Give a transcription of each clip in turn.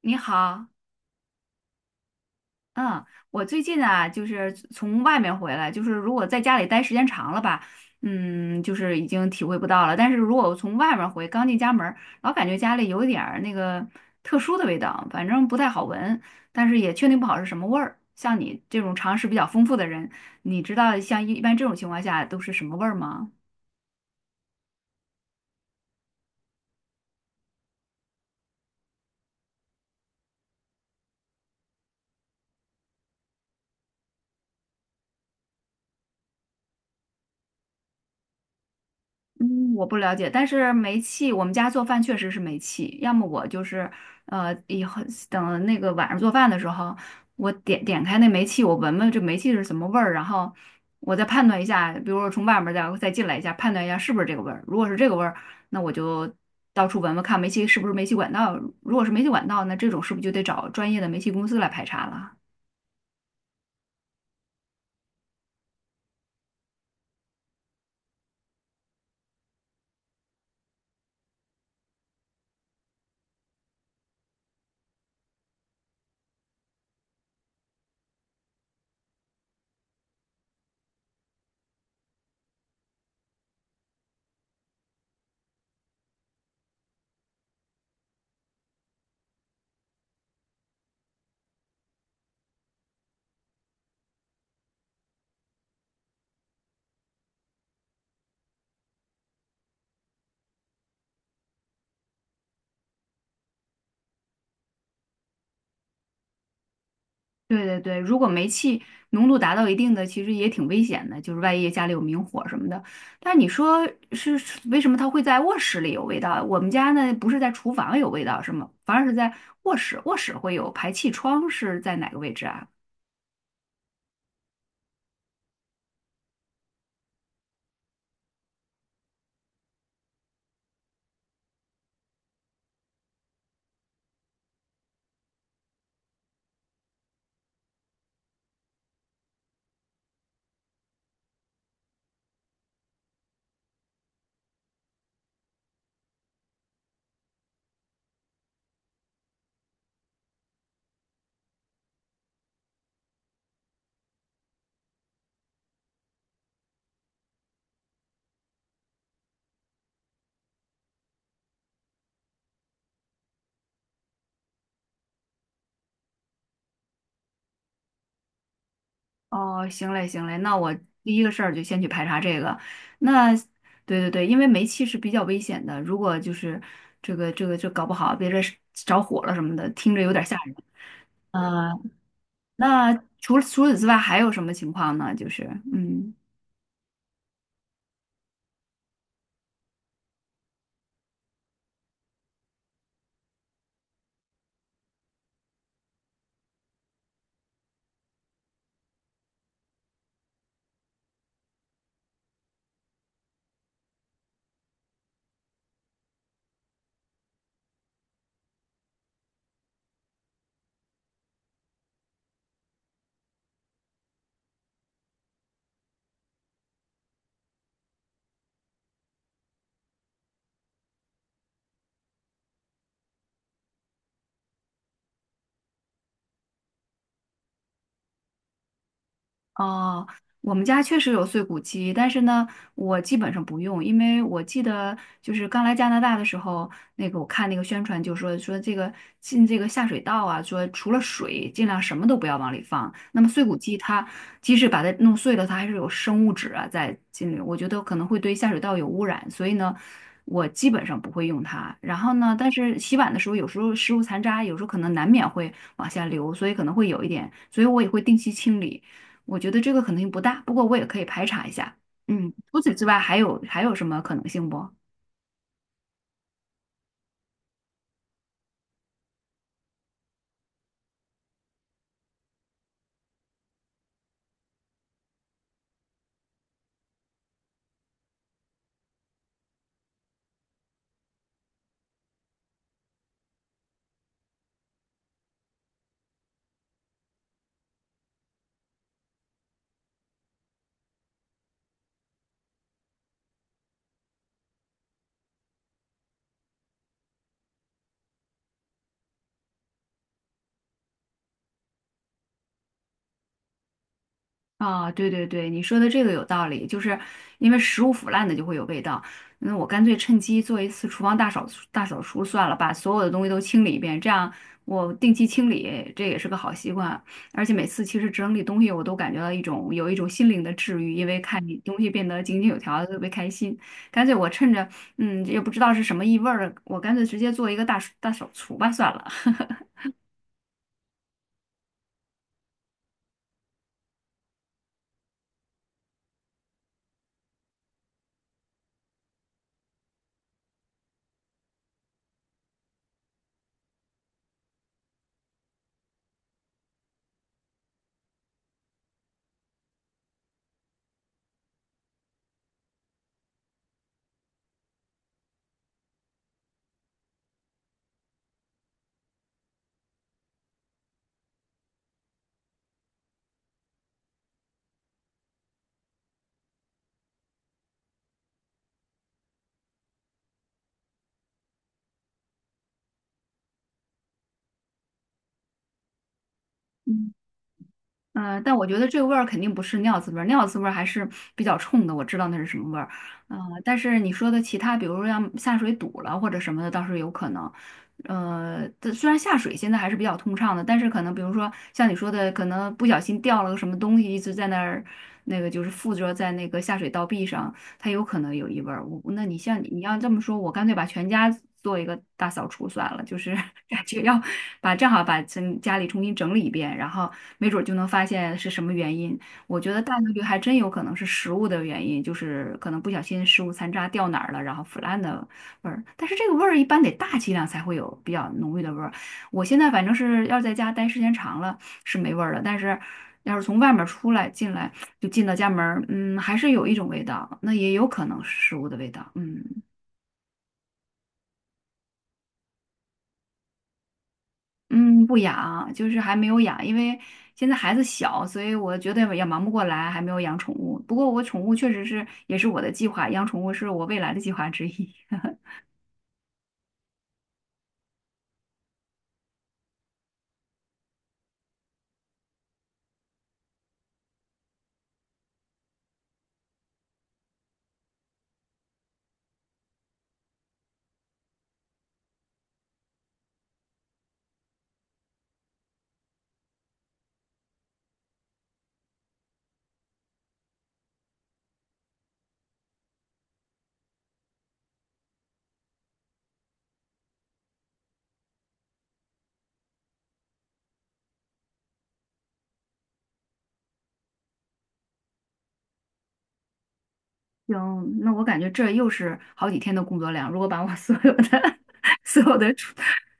你好，嗯，我最近啊，就是从外面回来，就是如果在家里待时间长了吧，就是已经体会不到了。但是如果我从外面回，刚进家门儿老感觉家里有一点儿那个特殊的味道，反正不太好闻，但是也确定不好是什么味儿。像你这种常识比较丰富的人，你知道像一般这种情况下都是什么味儿吗？嗯，我不了解，但是煤气，我们家做饭确实是煤气。要么我就是，以后等那个晚上做饭的时候，我点开那煤气，我闻闻这煤气是什么味儿，然后我再判断一下，比如说从外面再进来一下，判断一下是不是这个味儿。如果是这个味儿，那我就到处闻闻看煤气是不是煤气管道。如果是煤气管道，那这种是不是就得找专业的煤气公司来排查了？对对对，如果煤气浓度达到一定的，其实也挺危险的，就是万一家里有明火什么的。但是你说是是为什么它会在卧室里有味道？我们家呢不是在厨房有味道，是吗？反而是在卧室，卧室会有排气窗是在哪个位置啊？哦，行嘞行嘞，那我第一个事儿就先去排查这个。那对对对，因为煤气是比较危险的，如果就是这个这搞不好，别这着火了什么的，听着有点吓人。嗯。那除除此之外还有什么情况呢？就是嗯。哦，我们家确实有碎骨机，但是呢，我基本上不用，因为我记得就是刚来加拿大的时候，那个我看那个宣传就说这个进这个下水道啊，说除了水，尽量什么都不要往里放。那么碎骨机它即使把它弄碎了，它还是有生物质啊在进里，我觉得可能会对下水道有污染，所以呢，我基本上不会用它。然后呢，但是洗碗的时候，有时候食物残渣，有时候可能难免会往下流，所以可能会有一点，所以我也会定期清理。我觉得这个可能性不大，不过我也可以排查一下。嗯，除此之外还有什么可能性不？啊，对对对，你说的这个有道理，就是因为食物腐烂的就会有味道。那我干脆趁机做一次厨房大扫除算了，把所有的东西都清理一遍，这样我定期清理，这也是个好习惯。而且每次其实整理东西，我都感觉到一种心灵的治愈，因为看你东西变得井井有条，特别开心。干脆我趁着嗯也不知道是什么异味儿，我干脆直接做一个大扫除吧算了。嗯、但我觉得这个味儿肯定不是尿渍味儿，尿渍味儿还是比较冲的，我知道那是什么味儿。嗯、但是你说的其他，比如说像下水堵了或者什么的，倒是有可能。呃，这虽然下水现在还是比较通畅的，但是可能比如说像你说的，可能不小心掉了个什么东西，一直在那儿，那个就是附着在那个下水道壁上，它有可能有异味儿。我那你像你要这么说，我干脆把全家做一个大扫除算了，就是 感觉要把正好把整家里重新整理一遍，然后没准儿就能发现是什么原因。我觉得大概率还真有可能是食物的原因，就是可能不小心食物残渣掉哪儿了，然后腐烂的味儿。但是这个味儿一般得大剂量才会有比较浓郁的味儿。我现在反正是要在家待时间长了是没味儿了，但是要是从外面出来进来。就进到家门儿嗯，还是有一种味道，那也有可能是食物的味道，嗯嗯，不养，就是还没有养，因为现在孩子小，所以我觉得也忙不过来，还没有养宠物。不过我宠物确实是也是我的计划，养宠物是我未来的计划之一。行，那我感觉这又是好几天的工作量。如果把我 所有的 所有的储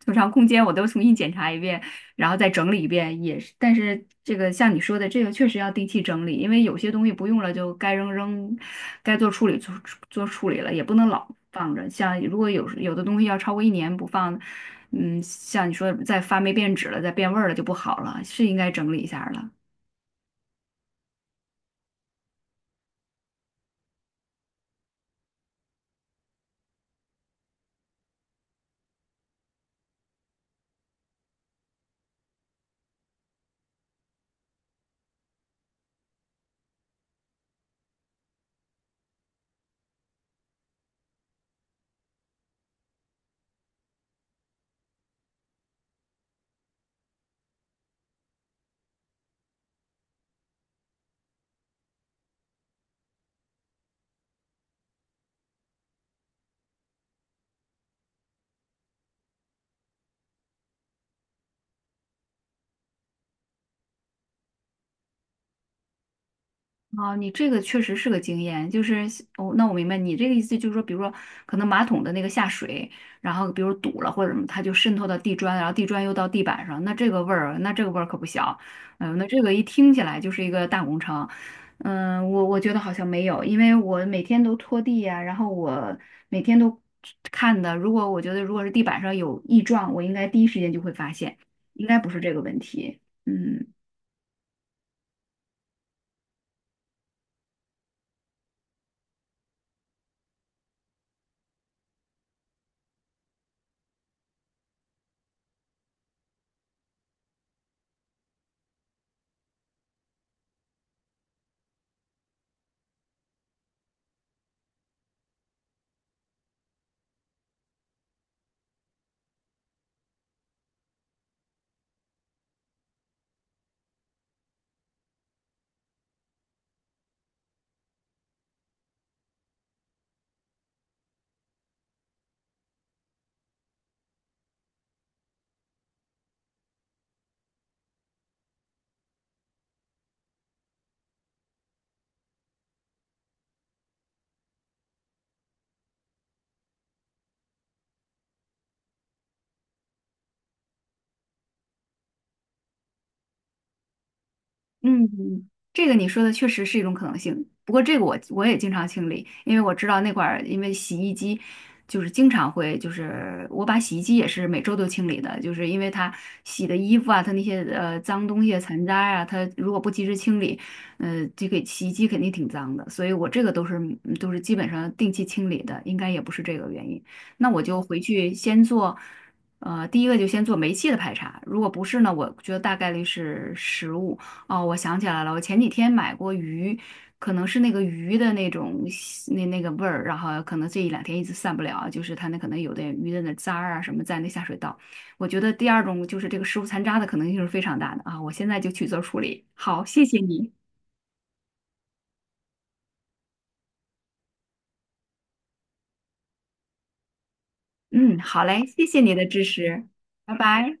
储藏空间我都重新检查一遍，然后再整理一遍，也是。但是这个像你说的，这个确实要定期整理，因为有些东西不用了就该扔，该做处理做处理了，也不能老放着。像如果有的东西要超过一年不放，嗯，像你说的再发霉变质了，再变味儿了就不好了，是应该整理一下儿了。哦，你这个确实是个经验，就是哦，那我明白你这个意思，就是说，比如说，可能马桶的那个下水，然后比如堵了或者什么，它就渗透到地砖，然后地砖又到地板上，那这个味儿可不小，嗯、那这个一听起来就是一个大工程，嗯、我觉得好像没有，因为我每天都拖地呀、然后我每天都看的，如果我觉得如果是地板上有异状，我应该第一时间就会发现，应该不是这个问题，嗯。嗯，这个你说的确实是一种可能性。不过这个我也经常清理，因为我知道那块儿，因为洗衣机就是经常会，就是我把洗衣机也是每周都清理的，就是因为它洗的衣服啊，它那些脏东西啊、残渣啊，它如果不及时清理，呃，这个洗衣机肯定挺脏的，所以我这个都是嗯都是基本上定期清理的，应该也不是这个原因。那我就回去先做，第一个就先做煤气的排查，如果不是呢，我觉得大概率是食物。哦，我想起来了，我前几天买过鱼，可能是那个鱼的那种腥那个味儿，然后可能这一两天一直散不了，就是它那可能有的鱼的那渣儿啊什么在那下水道。我觉得第二种就是这个食物残渣的可能性是非常大的啊，我现在就去做处理。好，谢谢你。嗯，好嘞，谢谢你的支持，拜拜。